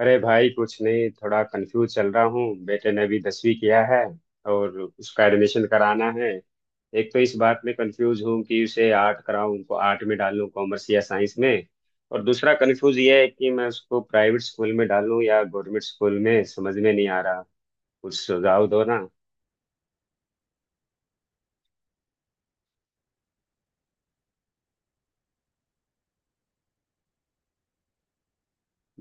अरे भाई, कुछ नहीं, थोड़ा कंफ्यूज चल रहा हूँ। बेटे ने अभी 10वीं किया है और उसका एडमिशन कराना है। एक तो इस बात में कंफ्यूज हूँ कि उसे आर्ट कराऊँ, उनको आर्ट में डालूँ, कॉमर्स या साइंस में। और दूसरा कंफ्यूज ये है कि मैं उसको प्राइवेट स्कूल में डालूँ या गवर्नमेंट स्कूल में, समझ में नहीं आ रहा। कुछ सुझाव दो ना।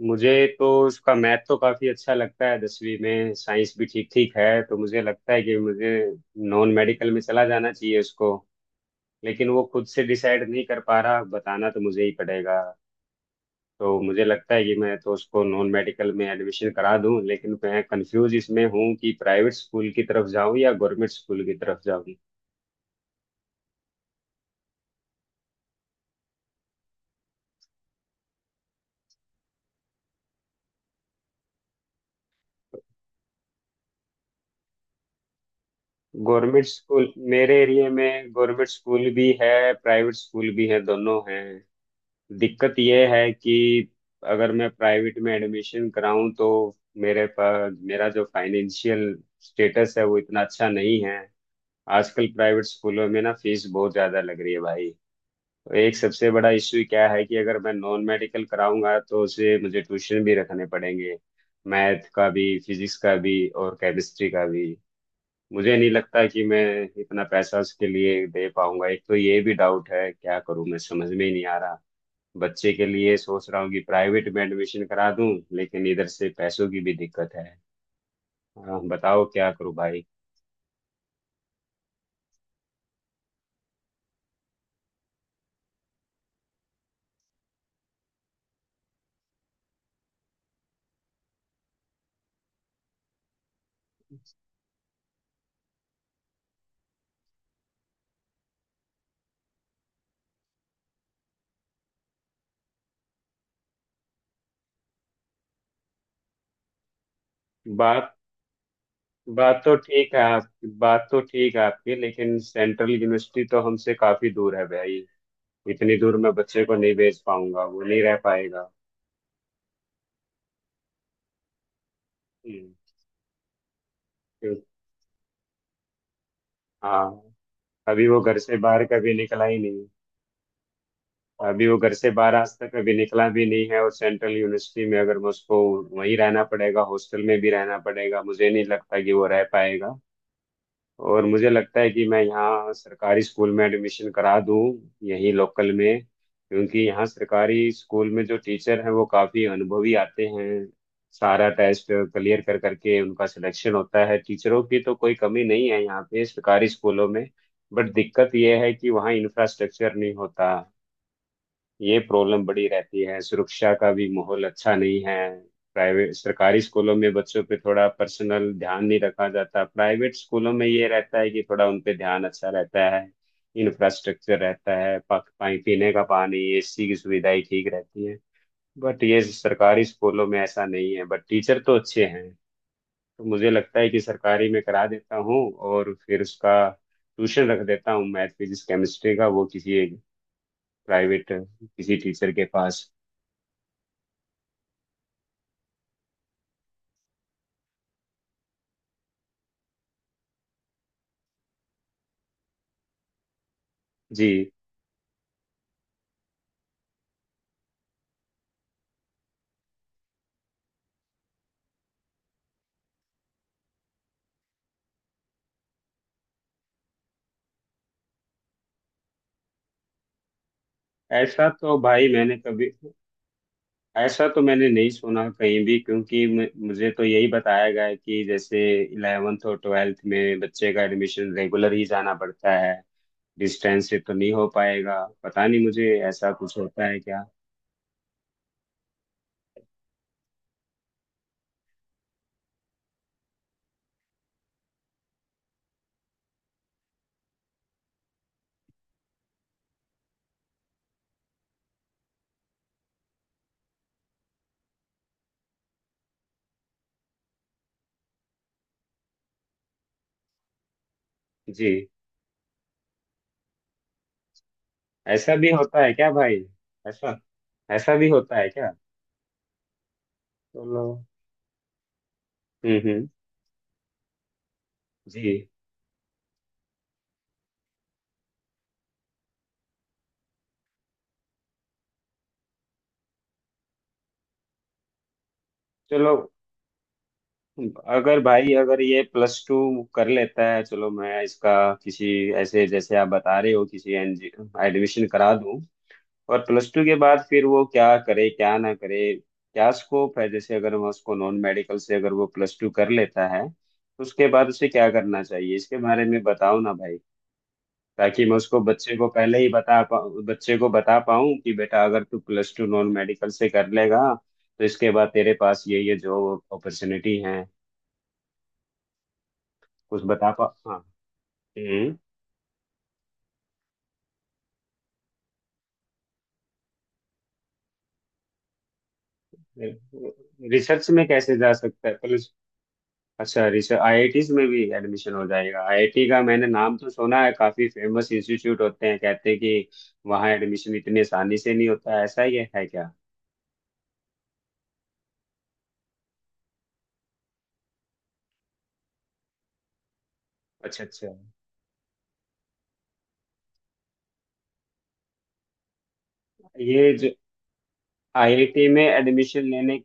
मुझे तो उसका मैथ तो काफी अच्छा लगता है, 10वीं में साइंस भी ठीक ठीक है, तो मुझे लगता है कि मुझे नॉन मेडिकल में चला जाना चाहिए उसको। लेकिन वो खुद से डिसाइड नहीं कर पा रहा, बताना तो मुझे ही पड़ेगा। तो मुझे लगता है कि मैं तो उसको नॉन मेडिकल में एडमिशन करा दूं, लेकिन मैं कंफ्यूज इसमें हूँ कि प्राइवेट स्कूल की तरफ जाऊं या गवर्नमेंट स्कूल की तरफ जाऊं। गवर्नमेंट स्कूल, मेरे एरिया में गवर्नमेंट स्कूल भी है, प्राइवेट स्कूल भी है, दोनों हैं। दिक्कत यह है कि अगर मैं प्राइवेट में एडमिशन कराऊं तो मेरे पास मेरा जो फाइनेंशियल स्टेटस है वो इतना अच्छा नहीं है। आजकल प्राइवेट स्कूलों में ना फीस बहुत ज्यादा लग रही है भाई। तो एक सबसे बड़ा इश्यू क्या है कि अगर मैं नॉन मेडिकल कराऊंगा तो उसे मुझे ट्यूशन भी रखने पड़ेंगे, मैथ का भी, फिजिक्स का भी और केमिस्ट्री का भी। मुझे नहीं लगता कि मैं इतना पैसा उसके लिए दे पाऊंगा, एक तो ये भी डाउट है। क्या करूं मैं, समझ में ही नहीं आ रहा। बच्चे के लिए सोच रहा हूँ कि प्राइवेट में एडमिशन करा दूं, लेकिन इधर से पैसों की भी दिक्कत है। हाँ, बताओ क्या करूं भाई। बात बात तो ठीक है आपकी, बात तो ठीक है आपकी, लेकिन सेंट्रल यूनिवर्सिटी तो हमसे काफी दूर है भाई। इतनी दूर मैं बच्चे को नहीं भेज पाऊंगा, वो नहीं रह पाएगा। हम्म। क्यों- हाँ। अभी वो घर से बाहर कभी निकला ही नहीं। अभी वो घर से बाहर आज तक कभी निकला भी नहीं है, और सेंट्रल यूनिवर्सिटी में अगर मैं उसको, वहीं रहना पड़ेगा, हॉस्टल में भी रहना पड़ेगा, मुझे नहीं लगता कि वो रह पाएगा। और मुझे लगता है कि मैं यहाँ सरकारी स्कूल में एडमिशन करा दूँ यहीं लोकल में, क्योंकि यहाँ सरकारी स्कूल में जो टीचर हैं वो काफ़ी अनुभवी आते हैं। सारा टेस्ट क्लियर कर करके उनका सिलेक्शन होता है, टीचरों की तो कोई कमी नहीं है यहाँ पे सरकारी स्कूलों में। बट दिक्कत ये है कि वहाँ इंफ्रास्ट्रक्चर नहीं होता, ये प्रॉब्लम बड़ी रहती है, सुरक्षा का भी माहौल अच्छा नहीं है। प्राइवेट सरकारी स्कूलों में बच्चों पे थोड़ा पर्सनल ध्यान नहीं रखा जाता, प्राइवेट स्कूलों में ये रहता है कि थोड़ा उन पे ध्यान अच्छा रहता है, इंफ्रास्ट्रक्चर रहता है, पानी, पीने का पानी, एसी की सुविधाएं ठीक रहती है। बट ये सरकारी स्कूलों में ऐसा नहीं है, बट टीचर तो अच्छे हैं। तो मुझे लगता है कि सरकारी में करा देता हूँ, और फिर उसका ट्यूशन रख देता हूँ मैथ फिजिक्स केमिस्ट्री का, वो किसी एक प्राइवेट किसी टीचर के पास। जी। ऐसा तो भाई मैंने कभी, ऐसा तो मैंने नहीं सुना कहीं भी, क्योंकि मुझे तो यही बताया गया है कि जैसे 11वीं और 12वीं में बच्चे का एडमिशन रेगुलर ही जाना पड़ता है। डिस्टेंस से तो नहीं हो पाएगा, पता नहीं मुझे, ऐसा कुछ होता है क्या? जी। ऐसा भी होता है क्या भाई? ऐसा ऐसा भी होता है क्या? चलो। हम्म। जी। चलो। अगर भाई, अगर ये प्लस टू कर लेता है, चलो, मैं इसका किसी, ऐसे जैसे आप बता रहे हो किसी, एडमिशन करा दूं। और प्लस टू के बाद फिर वो क्या करे, क्या ना करे, क्या स्कोप है? जैसे अगर मैं उसको नॉन मेडिकल से, अगर वो प्लस टू कर लेता है, तो उसके बाद उसे क्या करना चाहिए, इसके बारे में बताओ ना भाई, ताकि मैं उसको, बच्चे को पहले ही बता पाऊँ, बच्चे को बता पाऊँ कि बेटा अगर तू प्लस टू नॉन मेडिकल से कर लेगा, तो इसके बाद तेरे पास ये जॉब अपॉर्चुनिटी है। कुछ बता पा, हाँ। हम्म। रिसर्च में कैसे जा सकता है प्लस? अच्छा, रिसर्च, आईआईटीज में भी एडमिशन हो जाएगा? आईआईटी का मैंने नाम तो सुना है, काफी फेमस इंस्टीट्यूट होते हैं, कहते हैं कि वहाँ एडमिशन इतनी आसानी से नहीं होता है। ऐसा ही है क्या? अच्छा अच्छा। ये जो आईआईटी में एडमिशन लेने,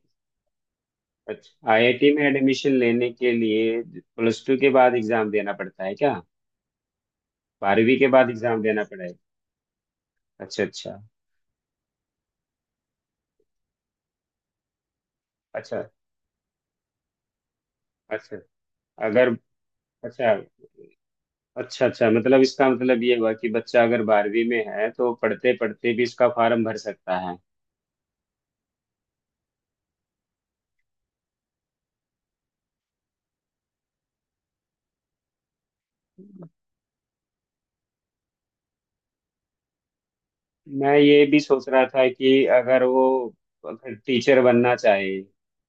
अच्छा, आईआईटी में एडमिशन लेने के लिए प्लस टू के बाद एग्जाम देना पड़ता है क्या? 12वीं के बाद एग्जाम देना पड़ेगा? अच्छा अच्छा अच्छा। अच्छा, अगर, अच्छा अच्छा अच्छा, मतलब इसका मतलब ये हुआ कि बच्चा अगर 12वीं में है तो पढ़ते पढ़ते भी इसका फॉर्म भर सकता है। मैं ये भी सोच रहा था कि अगर वो, अगर टीचर बनना चाहे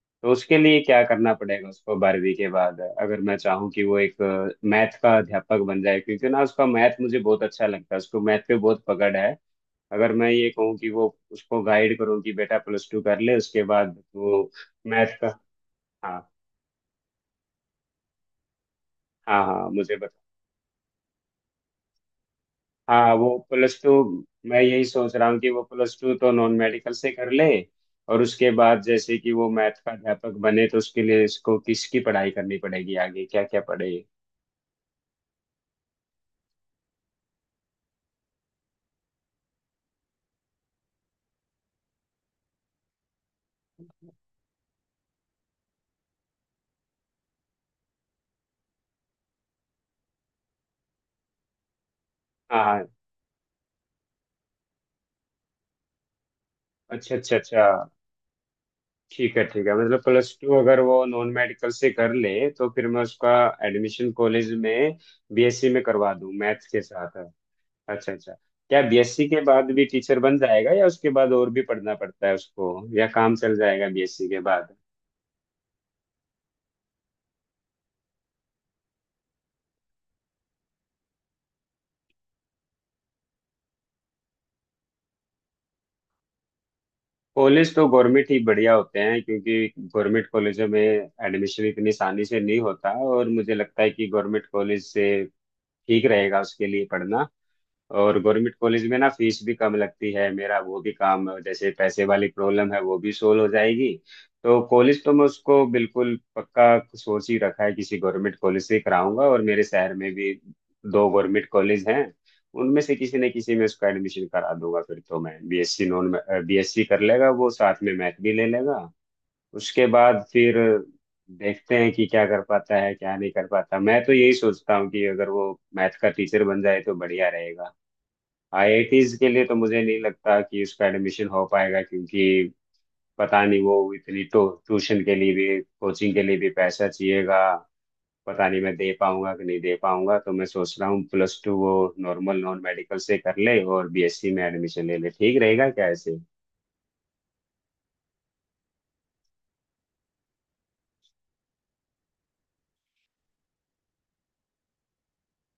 तो उसके लिए क्या करना पड़ेगा उसको, 12वीं के बाद, अगर मैं चाहूँ कि वो एक मैथ का अध्यापक बन जाए, क्योंकि ना उसका मैथ मुझे बहुत अच्छा लगता है, उसको मैथ पे बहुत पकड़ है। अगर मैं ये कहूँ कि वो, उसको गाइड करूँ कि बेटा प्लस टू कर ले उसके बाद वो मैथ का, हाँ हाँ हाँ, मुझे, हाँ वो प्लस टू, मैं यही सोच रहा हूँ कि वो प्लस टू तो नॉन मेडिकल से कर ले, और उसके बाद जैसे कि वो मैथ का अध्यापक बने, तो उसके लिए इसको किसकी पढ़ाई करनी पड़ेगी आगे, क्या क्या पढ़े? हाँ हाँ। अच्छा अच्छा अच्छा, ठीक है ठीक है, मतलब प्लस टू अगर वो नॉन मेडिकल से कर ले, तो फिर मैं उसका एडमिशन कॉलेज में बीएससी में करवा दूँ मैथ्स के साथ। अच्छा अच्छा, क्या बीएससी के बाद भी टीचर बन जाएगा या उसके बाद और भी पढ़ना पड़ता है उसको, या काम चल जाएगा बीएससी के बाद? कॉलेज तो गवर्नमेंट ही बढ़िया होते हैं, क्योंकि गवर्नमेंट कॉलेजों में एडमिशन इतनी आसानी से नहीं होता, और मुझे लगता है कि गवर्नमेंट कॉलेज से ठीक रहेगा उसके लिए पढ़ना। और गवर्नमेंट कॉलेज में ना फीस भी कम लगती है, मेरा वो भी काम, जैसे पैसे वाली प्रॉब्लम है वो भी सोल्व हो जाएगी। तो कॉलेज तो मैं उसको बिल्कुल पक्का सोच ही रखा है, किसी गवर्नमेंट कॉलेज से ही कराऊंगा, और मेरे शहर में भी दो गवर्नमेंट कॉलेज हैं, उनमें से किसी न किसी में उसका एडमिशन करा दूंगा। फिर तो मैं बीएससी कर लेगा, वो साथ में मैथ भी ले लेगा, उसके बाद फिर देखते हैं कि क्या कर पाता है क्या नहीं कर पाता। मैं तो यही सोचता हूँ कि अगर वो मैथ का टीचर बन जाए तो बढ़िया रहेगा। आईआईटीज के लिए तो मुझे नहीं लगता कि उसका एडमिशन हो पाएगा, क्योंकि पता नहीं, वो इतनी टो ट्यूशन के लिए भी, कोचिंग के लिए भी पैसा चाहिएगा, पता नहीं मैं दे पाऊंगा कि नहीं दे पाऊंगा। तो मैं सोच रहा हूँ प्लस टू वो नॉर्मल नॉन मेडिकल से कर ले और बीएससी में एडमिशन ले ले, ठीक रहेगा क्या ऐसे?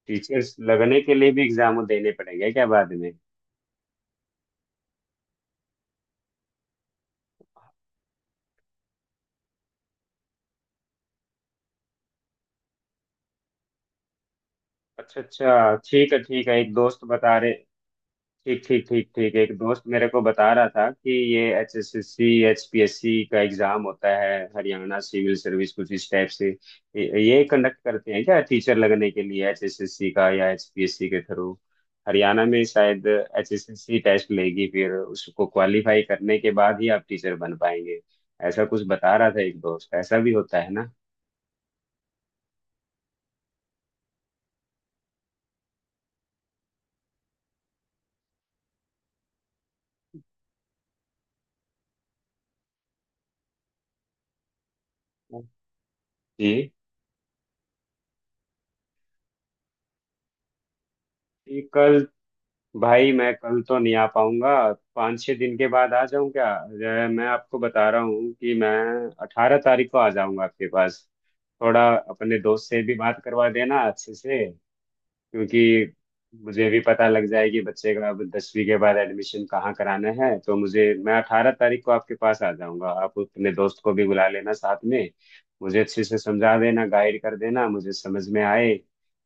टीचर्स लगने के लिए भी एग्जाम देने पड़ेंगे क्या बाद में? अच्छा अच्छा, ठीक है ठीक है। एक दोस्त बता रहे, ठीक ठीक ठीक ठीक, एक दोस्त मेरे को बता रहा था कि ये H S S C, H P S C का एग्जाम होता है, हरियाणा सिविल सर्विस, कुछ इस टाइप से ये कंडक्ट करते हैं क्या? टीचर लगने के लिए एच एस एस सी का या एच पी एस सी के थ्रू? हरियाणा में शायद H S S C test लेगी, फिर उसको क्वालिफाई करने के बाद ही आप टीचर बन पाएंगे, ऐसा कुछ बता रहा था एक दोस्त। ऐसा भी होता है ना? जी। कल? भाई मैं कल तो नहीं आ पाऊंगा। 5-6 दिन के बाद आ जाऊं क्या? मैं आपको बता रहा हूँ कि मैं 18 तारीख को आ जाऊंगा आपके पास, थोड़ा अपने दोस्त से भी बात करवा देना अच्छे से, क्योंकि मुझे भी पता लग जाएगी बच्चे का अब 10वीं के बाद एडमिशन कहाँ कराना है, तो मुझे, मैं 18 तारीख को आपके पास आ जाऊंगा, आप अपने दोस्त को भी बुला लेना साथ में, मुझे अच्छे से समझा देना, गाइड कर देना, मुझे समझ में आए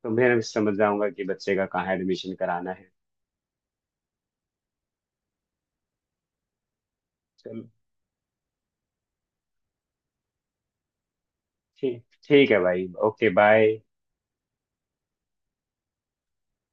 तो मैं समझ जाऊंगा कि बच्चे का कहाँ एडमिशन कराना है। चलो। ठीक। ठीक है भाई, ओके बाय।